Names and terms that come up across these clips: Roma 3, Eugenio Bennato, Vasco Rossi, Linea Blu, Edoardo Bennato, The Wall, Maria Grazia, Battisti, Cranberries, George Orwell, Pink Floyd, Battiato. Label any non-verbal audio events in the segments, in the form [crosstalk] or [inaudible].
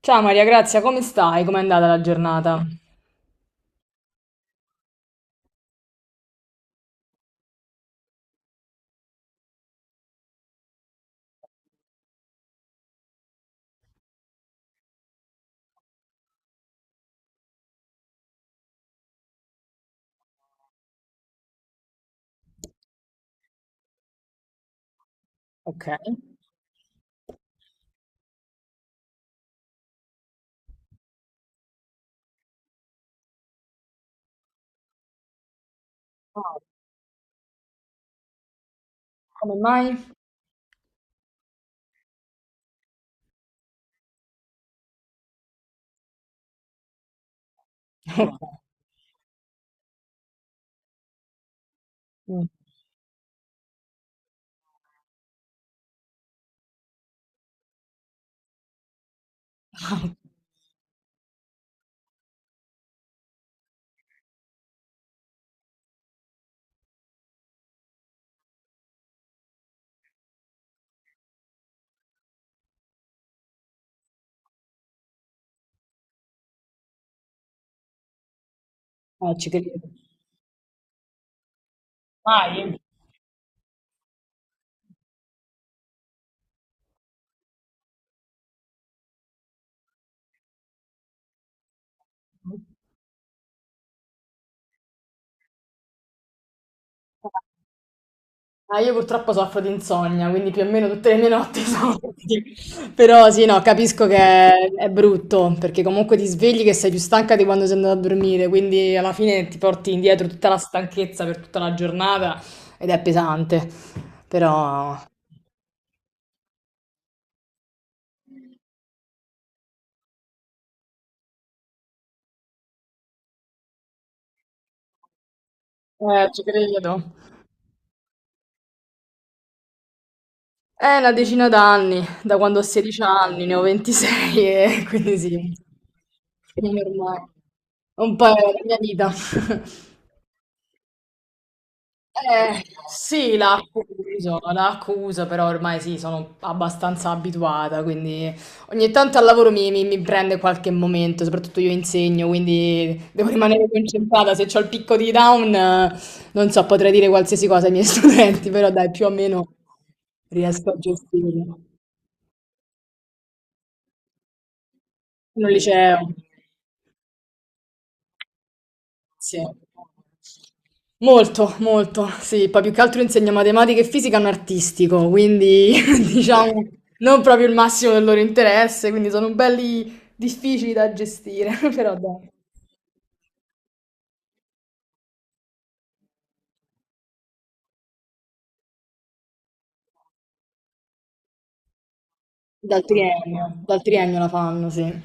Ciao Maria Grazia, come stai? Com'è andata la giornata? Ok. Ah, come mai? [laughs] Mm. Ah, ci credo. Mai? Ah, io purtroppo soffro di insonnia, quindi più o meno tutte le mie notti [laughs] sono così. Però sì, no, capisco che è brutto, perché comunque ti svegli che sei più stanca di quando sei andata a dormire, quindi alla fine ti porti indietro tutta la stanchezza per tutta la giornata ed è pesante. Però... ci credo. È una decina d'anni, da quando ho 16 anni, ne ho 26 e [laughs] quindi sì, quindi ormai è un po' è la mia vita. [laughs] Eh, sì, l'accuso, l'accuso, però ormai sì, sono abbastanza abituata, quindi ogni tanto al lavoro mi prende qualche momento, soprattutto io insegno, quindi devo rimanere concentrata, se ho il picco di down, non so, potrei dire qualsiasi cosa ai miei [laughs] studenti, però dai, più o meno riesco a gestirlo. In un liceo, sì. Molto, molto, sì, poi più che altro insegna matematica e fisica a un artistico, quindi [laughs] diciamo non proprio il massimo del loro interesse, quindi sono belli difficili da gestire, [laughs] però dai. Dal triennio la fanno, sì.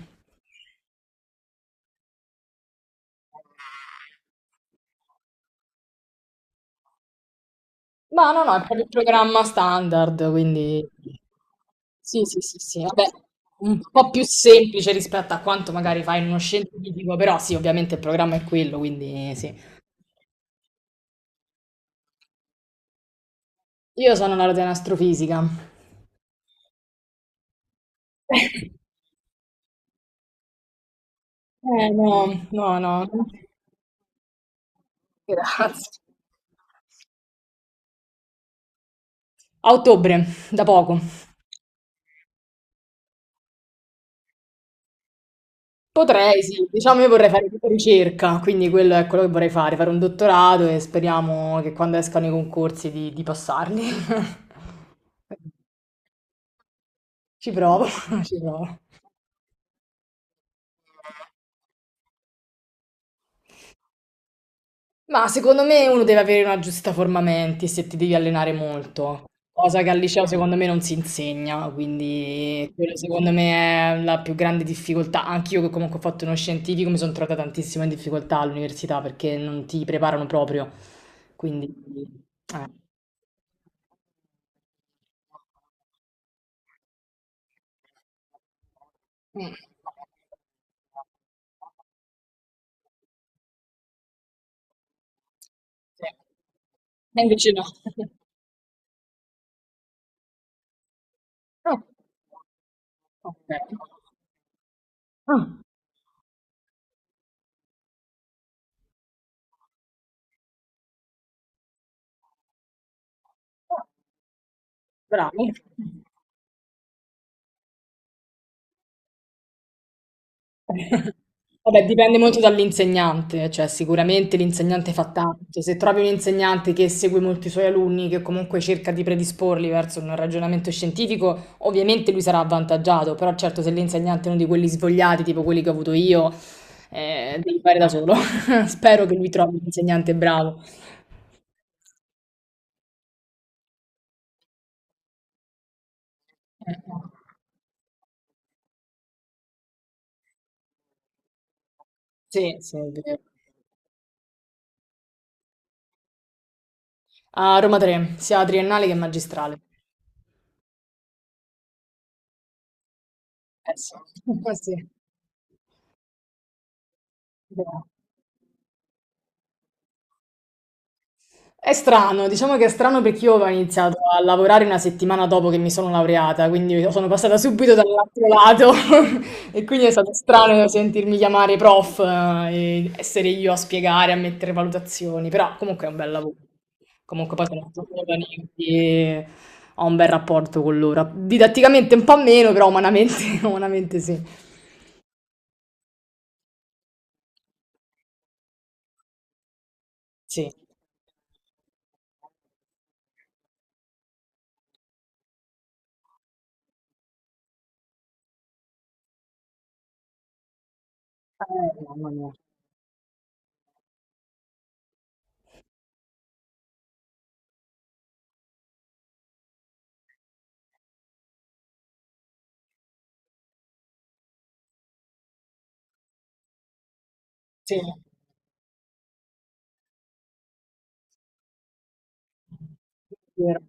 Ma no, no, è proprio il programma standard, quindi sì, sì, sì, sì, vabbè, un po' più semplice rispetto a quanto magari fai in uno scientifico, però sì, ovviamente il programma è quello, quindi sì. Io sono laureata in astrofisica. Eh no, no, no, grazie. A ottobre, da poco. Potrei, sì, diciamo io vorrei fare tipo ricerca, quindi quello è quello che vorrei fare, fare un dottorato e speriamo che quando escano i concorsi di passarli. [laughs] Ci provo, [laughs] ci provo. Ma secondo me uno deve avere una giusta forma mentis se ti devi allenare molto, cosa che al liceo secondo me non si insegna, quindi quello secondo me è la più grande difficoltà. Anch'io che comunque ho fatto uno scientifico mi sono trovata tantissimo in difficoltà all'università perché non ti preparano proprio, quindi... eh. Mm. Sì. E invece no. [laughs] No. Ok. Ah, bravo. [laughs] Vabbè, dipende molto dall'insegnante, cioè sicuramente l'insegnante fa tanto. Se trovi un insegnante che segue molti suoi alunni, che comunque cerca di predisporli verso un ragionamento scientifico, ovviamente lui sarà avvantaggiato, però certo se l'insegnante è uno di quelli svogliati, tipo quelli che ho avuto io, devi fare da solo. [laughs] Spero che lui trovi un insegnante bravo. Ecco. Sì, sì, è vero. A Roma 3, sia triennale che magistrale. Eh sì, [laughs] sì. Vero. È strano, diciamo che è strano perché io ho iniziato a lavorare una settimana dopo che mi sono laureata, quindi sono passata subito dall'altro lato [laughs] e quindi è stato strano sentirmi chiamare prof e essere io a spiegare, a mettere valutazioni, però comunque è un bel lavoro. Comunque poi sono giovani, quindi ho un bel rapporto con loro. Didatticamente un po' meno, però umanamente, [laughs] umanamente sì. Sì. Mamma mia. Sì, è vero.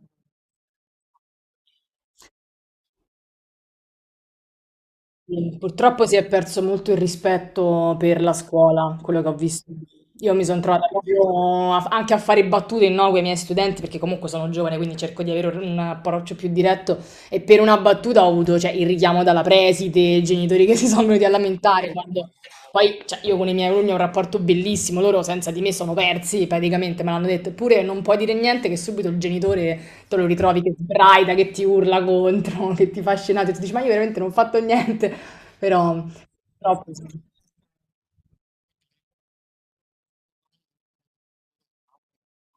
Sì, purtroppo si è perso molto il rispetto per la scuola, quello che ho visto. Io mi sono trovata proprio anche a fare battute no, con i miei studenti, perché comunque sono giovane, quindi cerco di avere un approccio più diretto. E per una battuta ho avuto, cioè, il richiamo dalla preside, i genitori che si sono venuti a lamentare. Quando... Poi, cioè, io con i miei alunni ho un rapporto bellissimo, loro senza di me sono persi praticamente, me l'hanno detto. Eppure non puoi dire niente che subito il genitore te lo ritrovi che sbraita, che ti urla contro, [laughs] che ti fa scenate, e tu dici, ma io veramente non ho fatto niente. Però però così.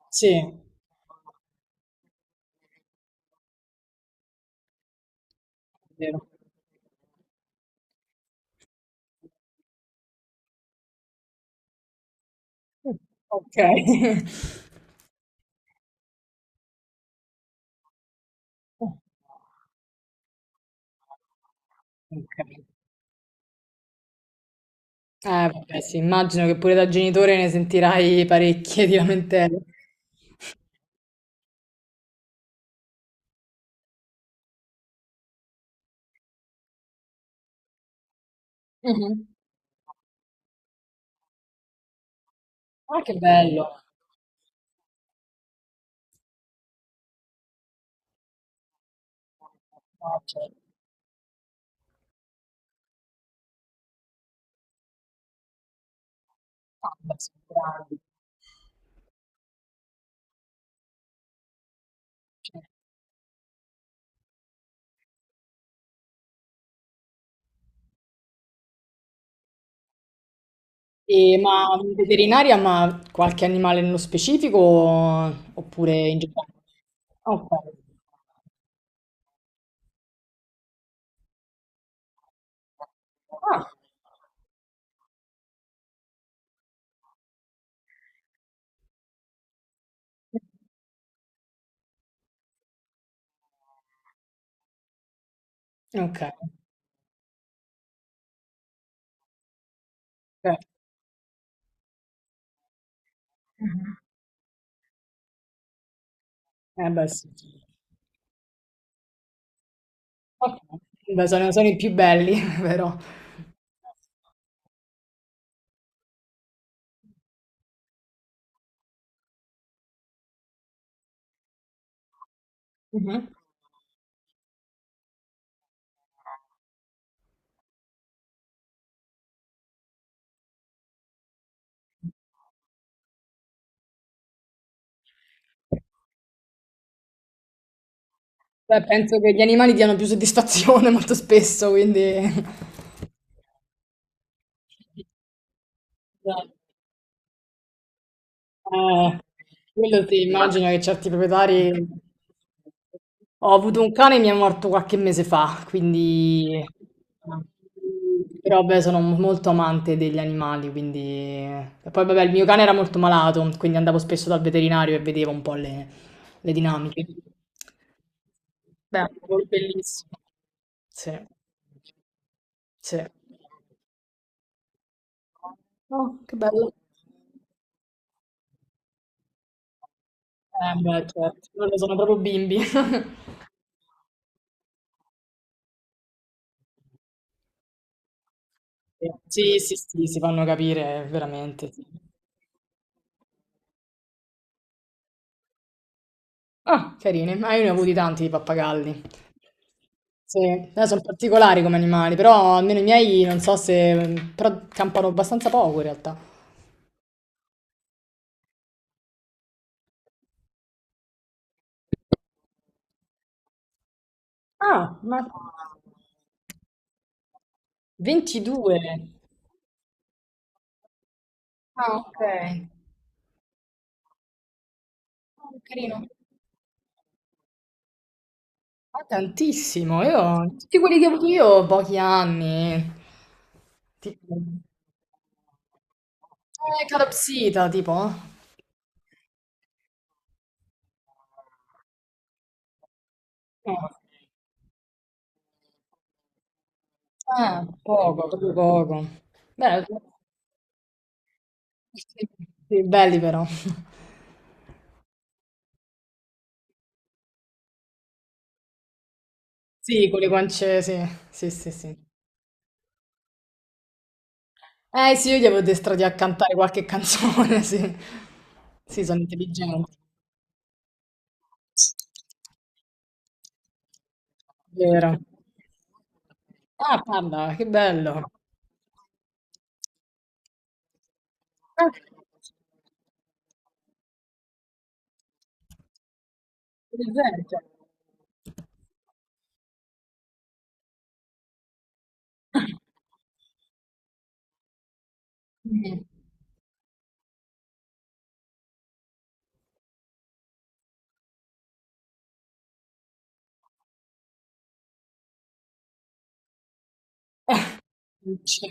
Sì, è vero. Mh, okay. [laughs] Okay. Vabbè sì, immagino che pure da genitore ne sentirai parecchie di lamentele. Mh-mh. Ah, che bello. No, certo. Ah, beh, sono grandi. Cer... E ma veterinaria, ma qualche animale nello specifico oppure in generale? Okay. Ah. Okay, cer... Mh-mh. Eh beh sì. Okay. Beh, sono sono i più belli [laughs] però. Mh-mh. Beh penso che gli animali diano più soddisfazione [laughs] molto spesso, quindi esatto. Eh, quello ti immagino che certi proprietari... Ho avuto un cane, mi è morto qualche mese fa, quindi... Però beh, sono molto amante degli animali, quindi... E poi vabbè, il mio cane era molto malato, quindi andavo spesso dal veterinario e vedevo un po' le dinamiche. Beh, è un lavoro bellissimo. Sì, sì. Oh, che bello. Beh, certo, loro sono proprio bimbi. [laughs] Sì, sì, sì, si fanno capire veramente. Sì. Ah, carini, ma io ne ho avuti tanti di pappagalli. Sì, sono particolari come animali, però almeno i miei non so se... mm, però campano abbastanza poco in realtà. Ah, ma... 22? Ah, ok. Ah, carino. Ma tantissimo, io... Tutti quelli che ho avuto io, ho pochi anni. Tipo... calopsita, tipo. Eh. Ah, poco, proprio poco. Beh, sì, sì, belli però. Sì, con le guance, sì, sì, sì, sì. Eh sì, io gli avevo addestrati a cantare qualche canzone, [laughs] sì. Sì, sono intelligenti, vero. Ah, parla, che bello. Ah, presente. Mm, sì.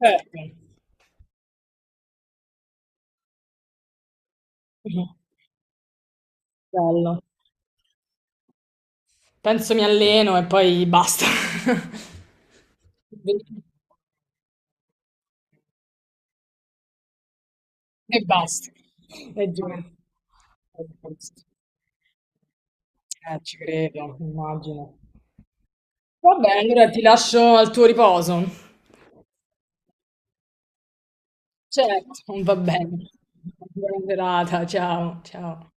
Certo. Bello. Penso mi alleno e poi basta. [laughs] E basta. E giuro. E basta. Ci credo, immagino. Va bene, allora ti lascio al tuo riposo. Certo, va bene. Buona serata, ciao, ciao.